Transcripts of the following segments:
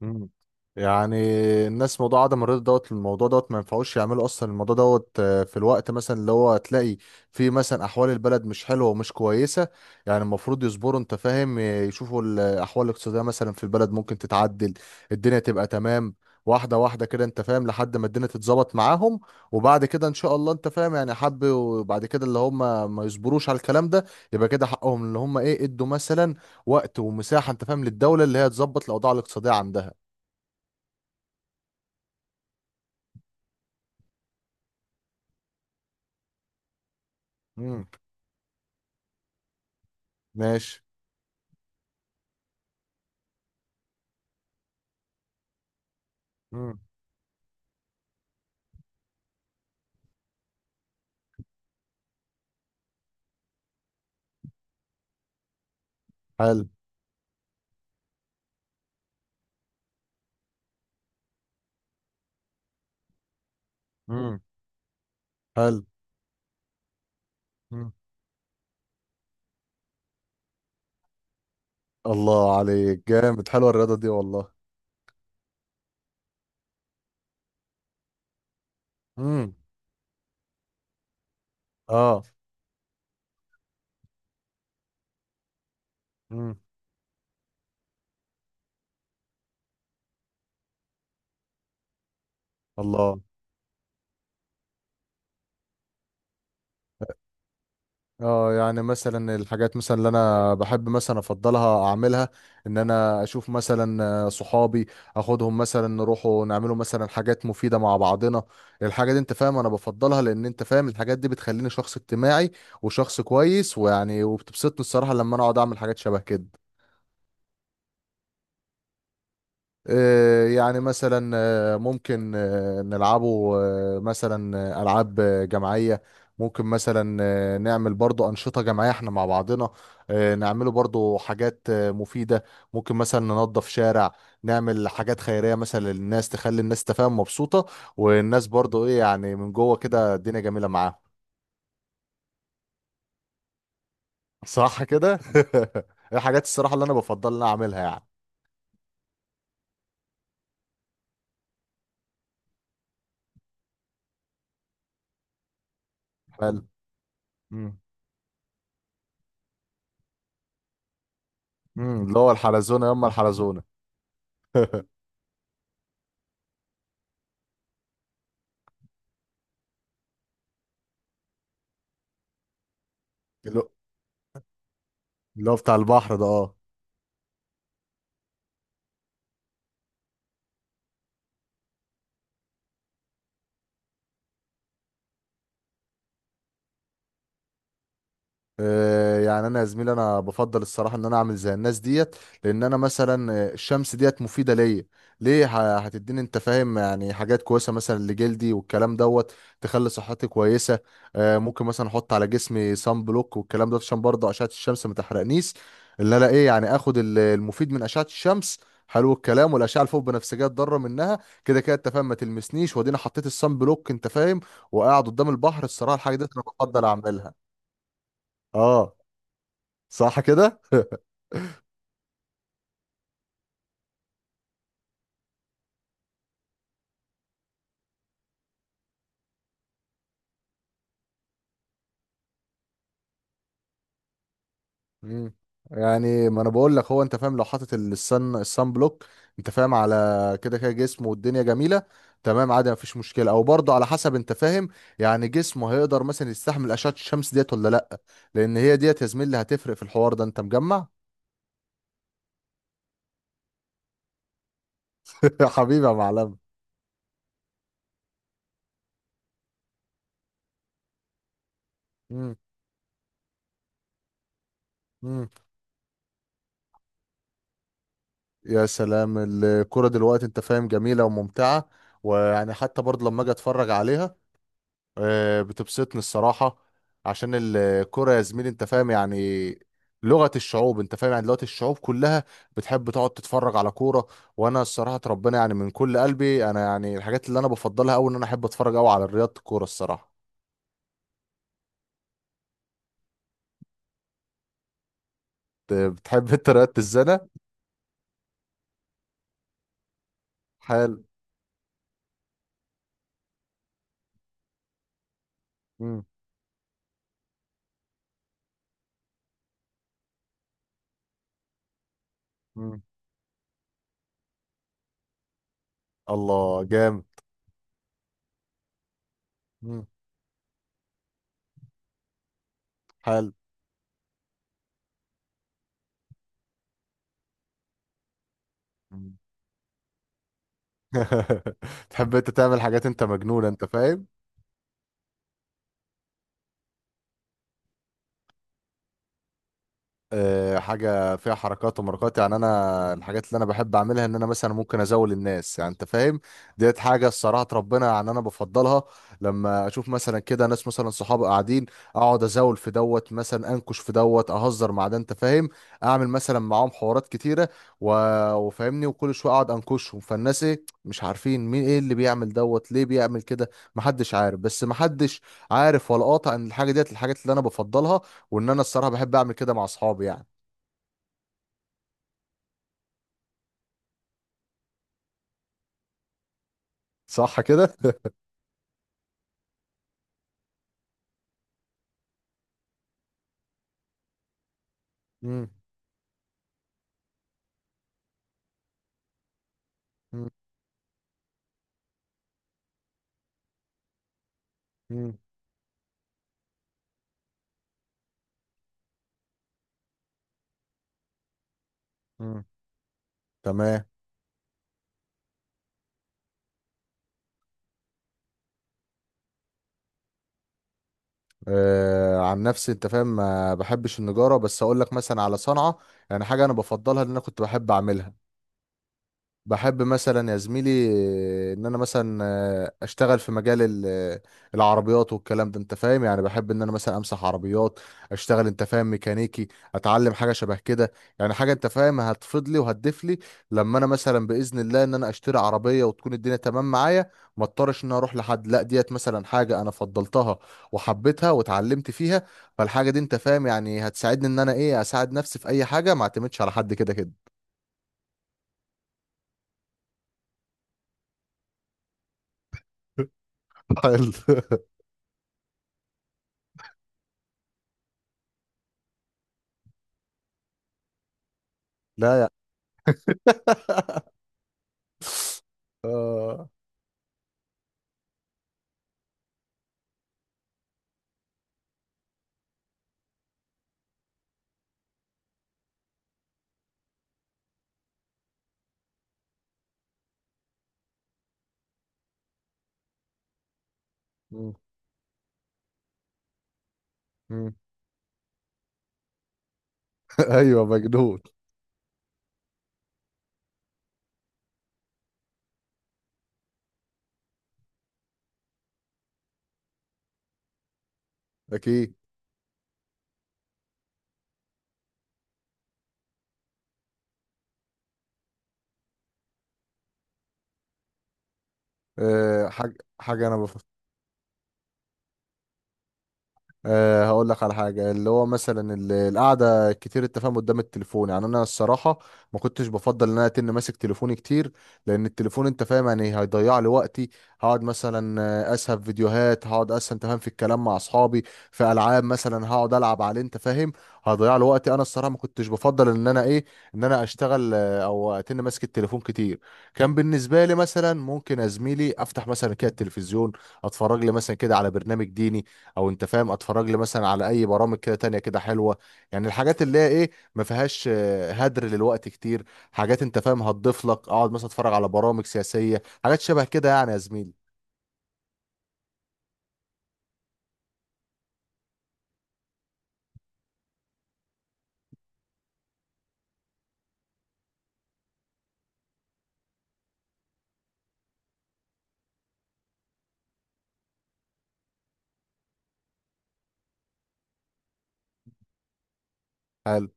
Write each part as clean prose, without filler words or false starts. مم. يعني الناس، موضوع عدم الرضا دوت، الموضوع دوت ما ينفعوش يعملوا اصلا الموضوع دوت. في الوقت مثلا اللي هو تلاقي في مثلا احوال البلد مش حلوه ومش كويسه. يعني المفروض يصبروا، انت فاهم. يشوفوا الاحوال الاقتصاديه مثلا في البلد ممكن تتعدل، الدنيا تبقى تمام واحده واحده كده، انت فاهم، لحد ما الدنيا تتظبط معاهم. وبعد كده ان شاء الله، انت فاهم، يعني حب. وبعد كده اللي هم ما يصبروش على الكلام ده، يبقى كده حقهم. اللي هم ايه، ادوا مثلا وقت ومساحه، انت فاهم، للدوله اللي هي تظبط الاوضاع الاقتصاديه عندها. مم. ماشي. مم. حلو مم. حلو. مم. الله عليك جامد، حلوة الرياضة دي والله. مم. اه. مم. الله. اه، يعني مثلا الحاجات مثلا اللي انا بحب مثلا افضلها اعملها، ان انا اشوف مثلا صحابي، اخدهم مثلا نروحوا نعملوا مثلا حاجات مفيدة مع بعضنا. الحاجة دي، انت فاهم، انا بفضلها لان، انت فاهم، الحاجات دي بتخليني شخص اجتماعي وشخص كويس ويعني، وبتبسطني الصراحة لما انا اقعد اعمل حاجات شبه كده. يعني مثلا ممكن نلعبه مثلا ألعاب جماعية. ممكن مثلا نعمل برضو أنشطة جماعية احنا مع بعضنا. نعمله برضو حاجات مفيدة. ممكن مثلا ننظف شارع، نعمل حاجات خيرية مثلا للناس، تخلي الناس تفهم مبسوطة، والناس برضو ايه يعني، من جوه كده الدنيا جميلة معاهم. صح كده الحاجات الصراحة اللي انا بفضل ان أنا اعملها يعني. فال- مم. مم، اللي هو الحلزونة، يما الحلزونة. اللي هو بتاع البحر ده، اه. يعني انا يا زميلي انا بفضل الصراحه ان انا اعمل زي الناس ديت. لان انا مثلا الشمس ديت مفيده ليا، ليه. هتديني انت فاهم يعني حاجات كويسه مثلا لجلدي والكلام دوت، تخلي صحتي كويسه. ممكن مثلا احط على جسمي صن بلوك والكلام ده عشان برضه اشعه الشمس ما تحرقنيش، اللي انا ايه يعني اخد المفيد من اشعه الشمس. حلو الكلام. والاشعه الفوق بنفسجيه اتضرر منها كده كده، انت فاهم، ما تلمسنيش. وادينا حطيت الصن بلوك، انت فاهم، وقاعد قدام البحر. الصراحه الحاجه دي انا بفضل اعملها. اه. صح كده مم. يعني ما انا بقول لك، هو انت فاهم لو حاطط السن بلوك، انت فاهم، على كده كده جسمه، والدنيا جميله تمام، عادي، مفيش مشكله. او برضه على حسب، انت فاهم، يعني جسمه هيقدر مثلا يستحمل اشعه الشمس ديت ولا لا. لان هي ديت، يا زميلي، هتفرق في الحوار ده، انت مجمع. حبيبي يا معلم. مم. مم. يا سلام. الكرة دلوقتي، انت فاهم، جميلة وممتعة، ويعني حتى برضه لما اجي اتفرج عليها، بتبسطني الصراحة. عشان الكرة، يا زميلي، انت فاهم، يعني لغة الشعوب، انت فاهم، يعني دلوقتي الشعوب كلها بتحب تقعد تتفرج على كورة. وانا الصراحة، ربنا، يعني من كل قلبي، انا يعني الحاجات اللي انا بفضلها قوي ان انا احب اتفرج قوي على رياضة الكورة الصراحة. بتحب انت رياضة الزنا؟ حال. مم. مم. الله جامد. مم. حال. مم. تحب انت تعمل حاجات، انت مجنونة، انت فاهم. حاجه فيها حركات ومركات يعني، انا الحاجات اللي انا بحب اعملها ان انا مثلا ممكن ازول الناس، يعني انت فاهم، ديت حاجه الصراحه ربنا، يعني انا بفضلها. لما اشوف مثلا كده ناس مثلا صحابي قاعدين، اقعد ازول في دوت، مثلا انكش في دوت، اهزر مع ده، انت فاهم، اعمل مثلا معاهم حوارات كتيره و... وفاهمني. وكل شويه اقعد انكشهم، فالناس ايه مش عارفين مين ايه اللي بيعمل دوت ليه بيعمل كده. محدش عارف، بس محدش عارف ولا قاطع ان الحاجه ديت الحاجات اللي انا بفضلها، وان انا الصراحه بحب اعمل كده مع اصحابي يعني. صح كده مم. مم. مم. مم. تمام. آه، عن نفسي انت فاهم ما بحبش النجاره، بس اقول لك مثلا على صنعه، يعني حاجه انا بفضلها ان انا كنت بحب اعملها. بحب مثلا يا زميلي ان انا مثلا اشتغل في مجال العربيات والكلام ده، انت فاهم، يعني بحب ان انا مثلا امسح عربيات، اشتغل انت فاهم ميكانيكي، اتعلم حاجه شبه كده. يعني حاجه انت فاهم هتفيد لي وهتضيف لي لما انا مثلا باذن الله ان انا اشتري عربيه، وتكون الدنيا تمام معايا، ما اضطرش ان أنا اروح لحد. لا، ديت مثلا حاجه انا فضلتها وحبيتها واتعلمت فيها، فالحاجه دي، انت فاهم، يعني هتساعدني ان انا ايه اساعد نفسي في اي حاجه، ما اعتمدش على حد كده كده. حلو. لا. آه. مم. مم. ايوه مجنون. اكيد. آه. حاجه انا، أه هقول لك على حاجة اللي هو مثلا ال- القعدة كتير التفاهم قدام التليفون، يعني أنا الصراحة ما كنتش بفضل إن أنا أتن ماسك تليفوني كتير، لأن التليفون أنت فاهم يعني هيضيع لي وقتي. هقعد مثلا أسهب فيديوهات، هقعد أسهب أنت فاهم في الكلام مع أصحابي، في ألعاب مثلا هقعد ألعب عليه، أنت فاهم هيضيع لي وقتي. أنا الصراحة ما كنتش بفضل إن أنا إيه، إن أنا أشتغل أو أتن ماسك التليفون كتير. كان بالنسبة لي مثلا ممكن يا زميلي أفتح مثلا كده التلفزيون أتفرج لي مثلا كده على برنامج ديني، او انت فاهم اتفرج لي مثلا على اي برامج كده تانية كده حلوه، يعني الحاجات اللي هي ايه ما فيهاش هدر للوقت كتير، حاجات انت فاهم هتضيف لك، اقعد مثلا اتفرج على برامج سياسيه، حاجات شبه كده يعني يا زميلي. حلو.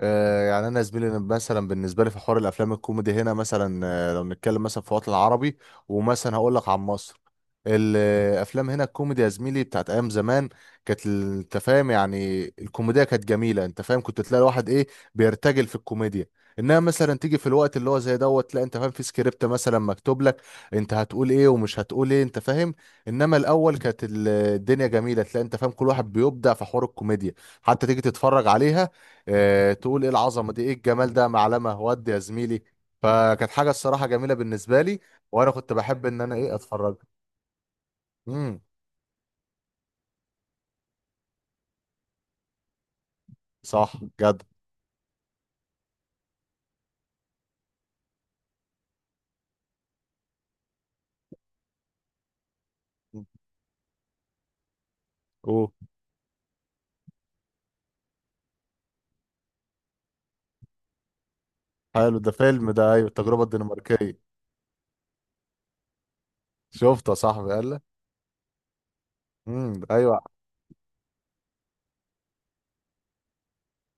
يعني انا زميلي مثلا بالنسبه لي في حوار الافلام الكوميدي هنا، مثلا لو نتكلم مثلا في الوطن العربي، ومثلا هقول لك عن مصر، الافلام هنا الكوميدي يا زميلي بتاعت ايام زمان، كانت انت فاهم يعني الكوميديا كانت جميله، انت فاهم كنت تلاقي الواحد ايه بيرتجل في الكوميديا، انها مثلا تيجي في الوقت اللي هو زي دوت، لا انت فاهم في سكريبت مثلا مكتوب لك انت هتقول ايه ومش هتقول ايه، انت فاهم. انما الاول كانت الدنيا جميله، تلاقي انت فاهم كل واحد بيبدع في حوار الكوميديا، حتى تيجي تتفرج عليها تقول ايه العظمه دي، ايه الجمال ده معلمه، ودي يا زميلي فكانت حاجه الصراحه جميله بالنسبه لي. وانا كنت بحب ان انا ايه اتفرج. امم. صح. جدع. اوه. حلو، ده فيلم ده، ايوه، التجربه الدنماركيه. شفته يا صاحبي قال لك. امم، ايوه.